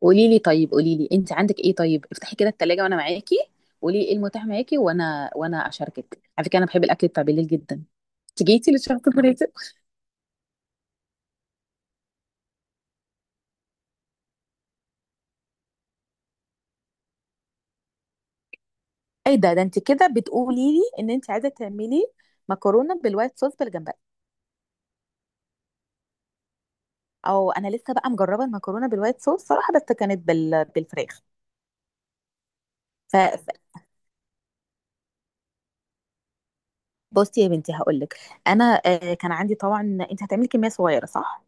قولي لي طيب، قولي لي انت عندك ايه؟ طيب افتحي كده التلاجة وانا معاكي. قولي لي ايه المتاح معاكي، وانا اشاركك. على فكره انا بحب الاكل بتاع بالليل جدا. تيجي للشرط الفريزر. ايه ده، انت كده بتقولي لي ان انت عايزه تعملي مكرونه بالوايت صوص بالجمبري؟ او انا لسه بقى مجربه المكرونه بالوايت صوص صراحه، بس كانت بالفراخ. ف ف- بصي يا بنتي هقول لك. انا كان عندي طبعا. انت هتعملي كميه صغيره صح؟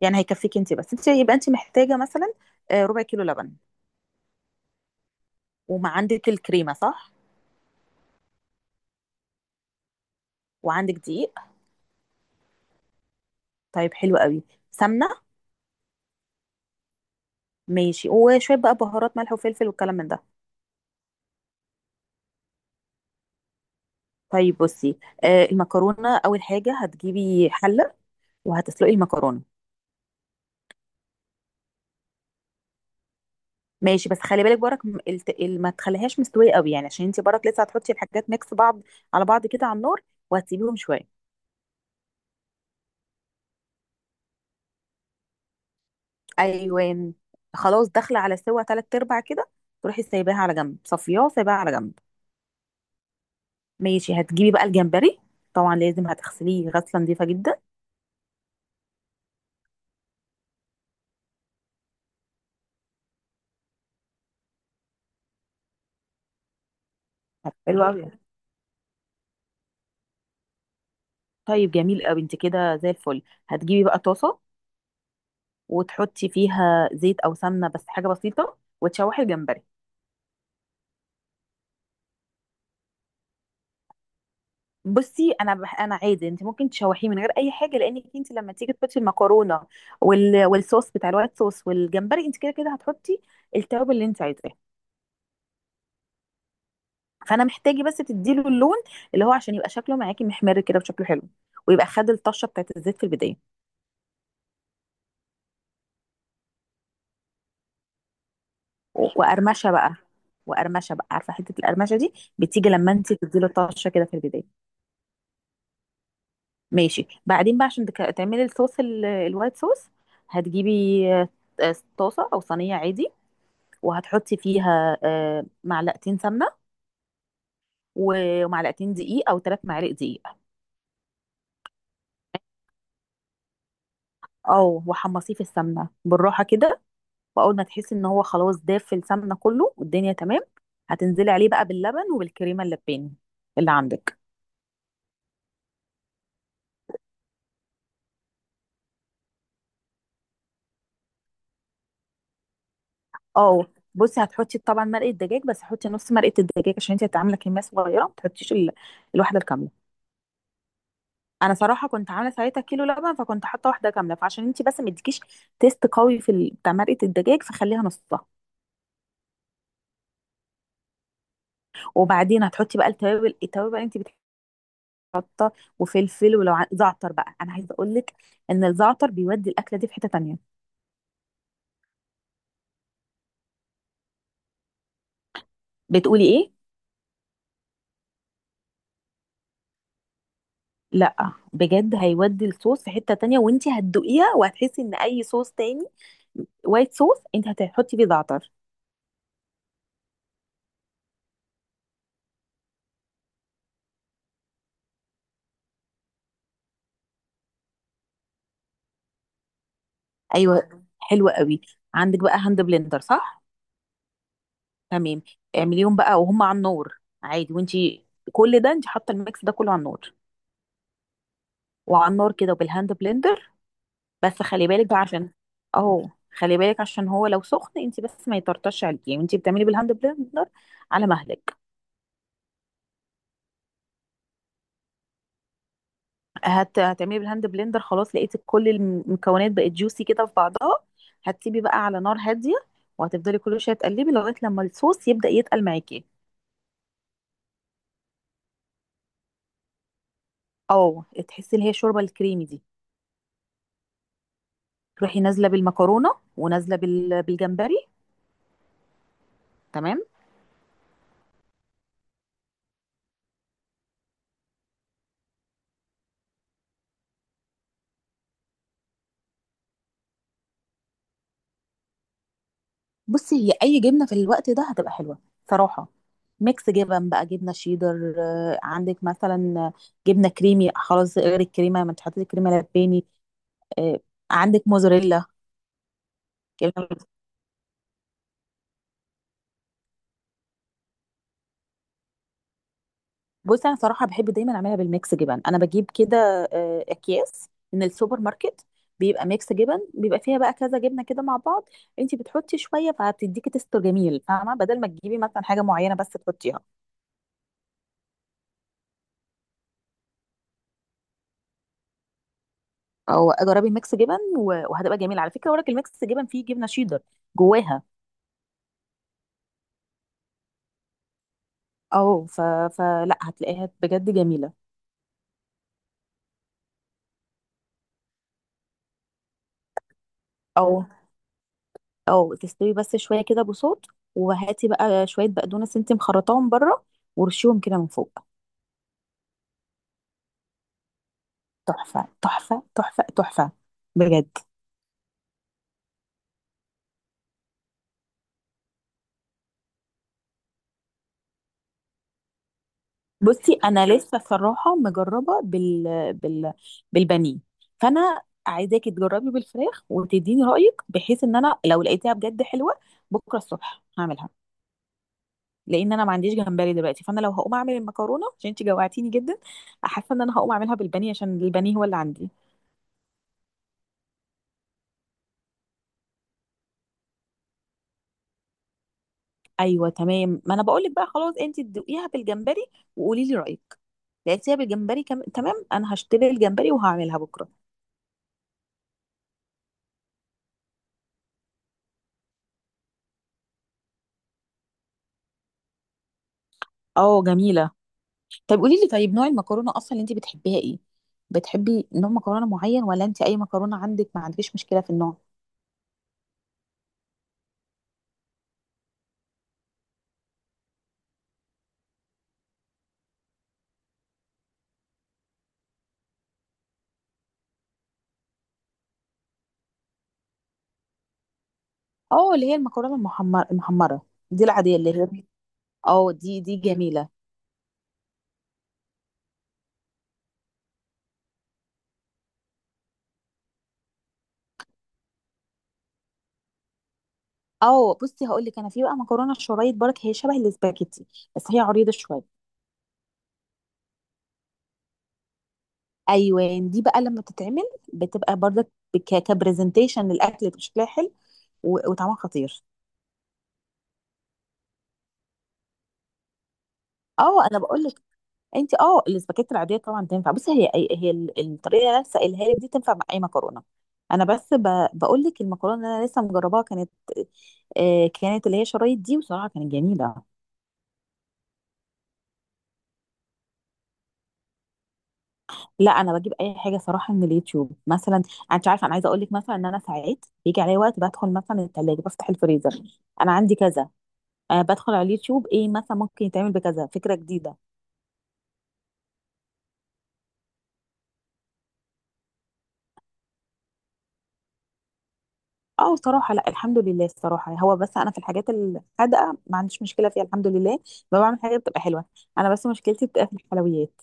يعني هيكفيك انت بس، انت يبقى انت محتاجه مثلا ربع كيلو لبن. وما عندك الكريمه صح؟ وعندك دقيق؟ طيب حلو قوي. سمنه. ماشي، وشويه بقى بهارات ملح وفلفل والكلام من ده. طيب، بصي المكرونه اول حاجه هتجيبي حله وهتسلقي المكرونه. ماشي، بس خلي بالك برك ما تخليهاش مستويه قوي، يعني عشان انت برك لسه هتحطي الحاجات ميكس بعض على بعض كده على النار، وهتسيبيهم شويه. ايوه، خلاص داخله على سوا تلات ارباع كده، تروحي سايباها على جنب، صفياه سايباها على جنب. ماشي، هتجيبي بقى الجمبري. طبعا لازم هتغسليه غسله نظيفه جدا. حلوه قوي يعني. طيب جميل قوي، انت كده زي الفل. هتجيبي بقى طاسه وتحطي فيها زيت او سمنه، بس حاجه بسيطه، وتشوحي الجمبري. بصي، انا عادي، انت ممكن تشوحيه من غير اي حاجه، لانك انت لما تيجي تحطي المكرونه والصوص بتاع الوايت صوص والجمبري، انت كده كده هتحطي التوابل اللي انت عايزاه. فانا محتاجه بس تديله اللون، اللي هو عشان يبقى شكله معاكي محمر كده وشكله حلو، ويبقى خد الطشه بتاعت الزيت في البدايه. وقرمشه بقى. وقرمشه بقى، عارفه حته القرمشه دي بتيجي لما انت تديله طشه كده في البدايه. ماشي، بعدين بقى عشان تعملي الصوص الوايت صوص، هتجيبي طاسة أو صينية عادي وهتحطي فيها معلقتين سمنة ومعلقتين دقيق أو ثلاث معالق دقيق. أو وحمصيه في السمنة بالراحة كده، وأول ما تحسي إن هو خلاص داف في السمنة كله والدنيا تمام، هتنزلي عليه بقى باللبن وبالكريمة اللباني اللي عندك. أو بصي، هتحطي طبعا مرقة دجاج، بس حطي نص مرقة الدجاج عشان انت هتعملي كمية صغيرة، ما تحطيش الواحدة الكاملة. انا صراحه كنت عامله ساعتها كيلو لبن، فكنت حاطه واحده كامله، فعشان انت بس ما تديكيش تيست قوي في بتاع مرقه الدجاج، فخليها نصها. وبعدين هتحطي بقى التوابل بقى انت بتحطها، وفلفل، ولو زعتر بقى انا عايزه اقول لك ان الزعتر بيودي الاكله دي في حته تانية. بتقولي ايه؟ لا بجد هيودي الصوص في حته تانية، وانت هتدوقيها وهتحسي ان اي صوص تاني، وايت صوص، انت هتحطي فيه زعتر. ايوه، حلو قوي. عندك بقى هاند بلندر صح؟ تمام. اعمليهم بقى وهم على النار عادي، وانتي كل ده انت حاطه الميكس ده كله على النار. وعلى النار كده، وبالهاند بلندر، بس خلي بالك بقى عشان اهو. خلي بالك عشان هو لو سخن انت، بس ما يطرطش عليكي وانت بتعملي بالهاند بلندر، على مهلك. هتعملي بالهاند بلندر، خلاص لقيتي كل المكونات بقت جوسي كده في بعضها، هتسيبي بقى على نار هاديه، وهتفضلي كل شويه تقلبي لغايه لما الصوص يبدأ يتقل معاكي. اه، تحسي اللي هي الشوربه الكريمي دي. تروحي نازله بالمكرونه ونازله بالجمبري. تمام. بصي، هي اي جبنه في الوقت ده هتبقى حلوه صراحه. ميكس جبن بقى، جبنه شيدر، عندك مثلا جبنه كريمي. خلاص، غير الكريمه ما انت حطيتي كريمه لباني. آه، عندك موزاريلا. كريمة- بصي انا صراحه بحب دايما اعملها بالميكس جبن. انا بجيب كده اكياس من السوبر ماركت، بيبقى ميكس جبن، بيبقى فيها بقى كذا جبنه كده مع بعض، انت بتحطي شويه فهتديكي تستر جميل، فاهمه، بدل ما تجيبي مثلا حاجه معينه بس تحطيها. او جربي الميكس جبن وهتبقى جميله على فكره، وراك الميكس جبن فيه جبنه شيدر جواها. او ف... فلا، هتلاقيها بجد جميله. او او تستوي بس شويه كده بصوت، وهاتي بقى شويه بقدونس انت مخرطاهم بره ورشيهم كده من فوق. تحفه تحفه تحفه تحفه، بجد. بصي انا لسه صراحه مجربه بالبانيه، فانا عايزاكي تجربي بالفراخ وتديني رايك، بحيث ان انا لو لقيتها بجد حلوه بكره الصبح هعملها، لان انا ما عنديش جمبري دلوقتي. فانا لو هقوم اعمل المكرونه عشان انت جوعتيني جدا، حاسه ان انا هقوم اعملها بالبانيه، عشان البانيه هو اللي عندي. ايوه، تمام، ما انا بقول لك بقى، خلاص انت تدوقيها بالجمبري وقولي لي رايك. لقيتيها بالجمبري تمام، انا هشتري الجمبري وهعملها بكره. اه جميله. طب قولي لي طيب، نوع المكرونه اصلا اللي انت بتحبيها ايه؟ بتحبي نوع مكرونه معين ولا انت اي مكرونه عندك ما عندكيش مشكله في النوع؟ اه، اللي هي المكرونه المحمر المحمره، دي العاديه اللي هي. اه، دي جميله. اه، بصي هقول لك، انا في بقى مكرونه شرايط برك، هي شبه الاسباجيتي بس هي عريضه شويه. ايوه. دي بقى لما بتتعمل بتبقى برضك كبرزنتيشن للاكل، بتبقى شكلها حلو وطعمها خطير. اه انا بقول لك، انت اه الاسباجيتي العاديه طبعا تنفع. بصي هي الطريقه اللي انا لسه قايلها لك دي تنفع مع اي مكرونه. انا بس بقول لك المكرونه اللي انا لسه مجرباها كانت كانت اللي هي شرايط دي، وصراحه كانت جميله. لا، انا بجيب اي حاجه صراحه من اليوتيوب. مثلا انت عارفه، انا عايزه اقول لك مثلا ان انا ساعات بيجي عليا وقت بدخل مثلا الثلاجه، بفتح الفريزر، انا عندي كذا. أه بدخل على اليوتيوب، ايه مثلا ممكن يتعمل بكذا، فكره جديده. اه صراحه، لا الحمد لله. الصراحه هو بس انا في الحاجات الحادقه ما عنديش مشكله فيها، الحمد لله، ما بعمل حاجه بتبقى حلوه. انا بس مشكلتي بتبقى في الحلويات.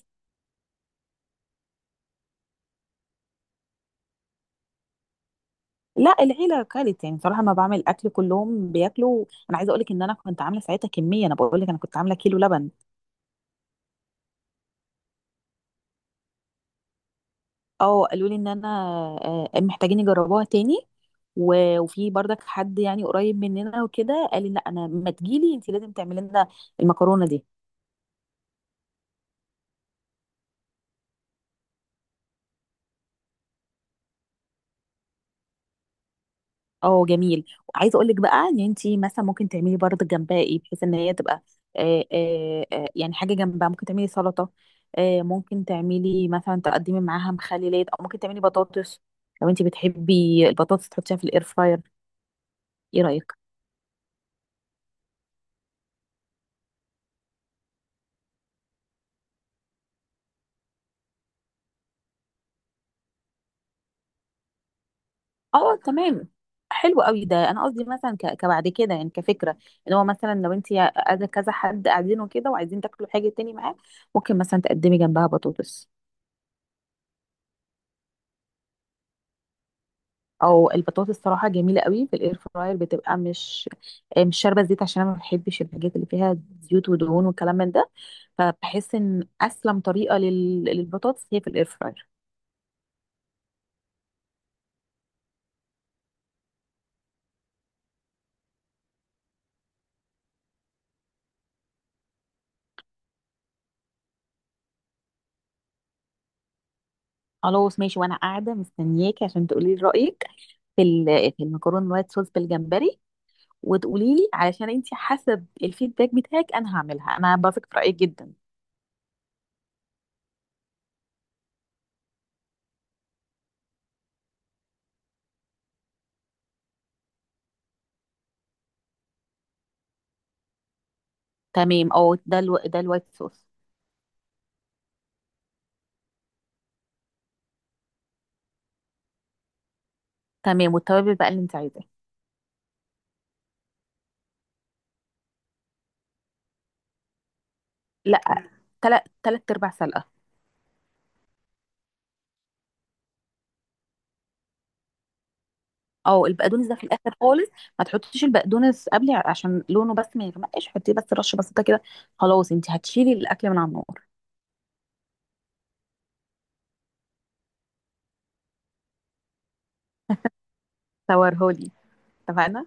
لا، العيله كانت يعني صراحه، ما بعمل اكل كلهم بياكلوا. انا عايزه اقول لك ان انا كنت عامله ساعتها كميه، انا بقول لك انا كنت عامله كيلو لبن. اه قالوا لي ان انا محتاجين يجربوها تاني، وفي برضك حد يعني قريب مننا وكده قال لي لا انا ما تجيلي، انت لازم تعملي لنا المكرونه دي. اه جميل، وعايزه اقول لك بقى ان انت مثلا ممكن تعملي برضك جنبها ايه، بحيث ان هي تبقى يعني حاجه جنبها، ممكن تعملي سلطه، آه ممكن تعملي مثلا تقدمي معاها مخللات، او ممكن تعملي بطاطس لو انت بتحبي البطاطس تحطيها في الاير فراير. ايه رايك؟ اه تمام، حلو قوي، ده انا قصدي مثلا كبعد كده يعني، كفكره، ان هو مثلا لو انت قاعده كذا حد قاعدين وكده وعايزين تاكلوا حاجه تاني معاه، ممكن مثلا تقدمي جنبها بطاطس. او البطاطس صراحه جميله قوي في الاير فراير، بتبقى مش مش شاربه زيت، عشان انا ما بحبش الحاجات اللي فيها زيوت ودهون والكلام من ده، فبحس ان اسلم طريقه للبطاطس هي في الاير فراير. خلاص ماشي، وانا قاعده مستنياكي عشان تقولي لي رايك في ال... في المكرونه الوايت صوص بالجمبري، وتقولي لي علشان انت حسب الفيدباك بتاعك انا هعملها، انا بثق في رايك جدا. تمام، اه، ده الوايت صوص. تمام، والتوابل بقى اللي انت عايزاه. لا، تلات ارباع سلقه. اه البقدونس ده في الاخر خالص، ما تحطيش البقدونس قبل عشان لونه بس ما يغمقش، حطيه بس رشه بسيطه كده، خلاص انت هتشيلي الاكل من على النار. صورهولي. اتفقنا.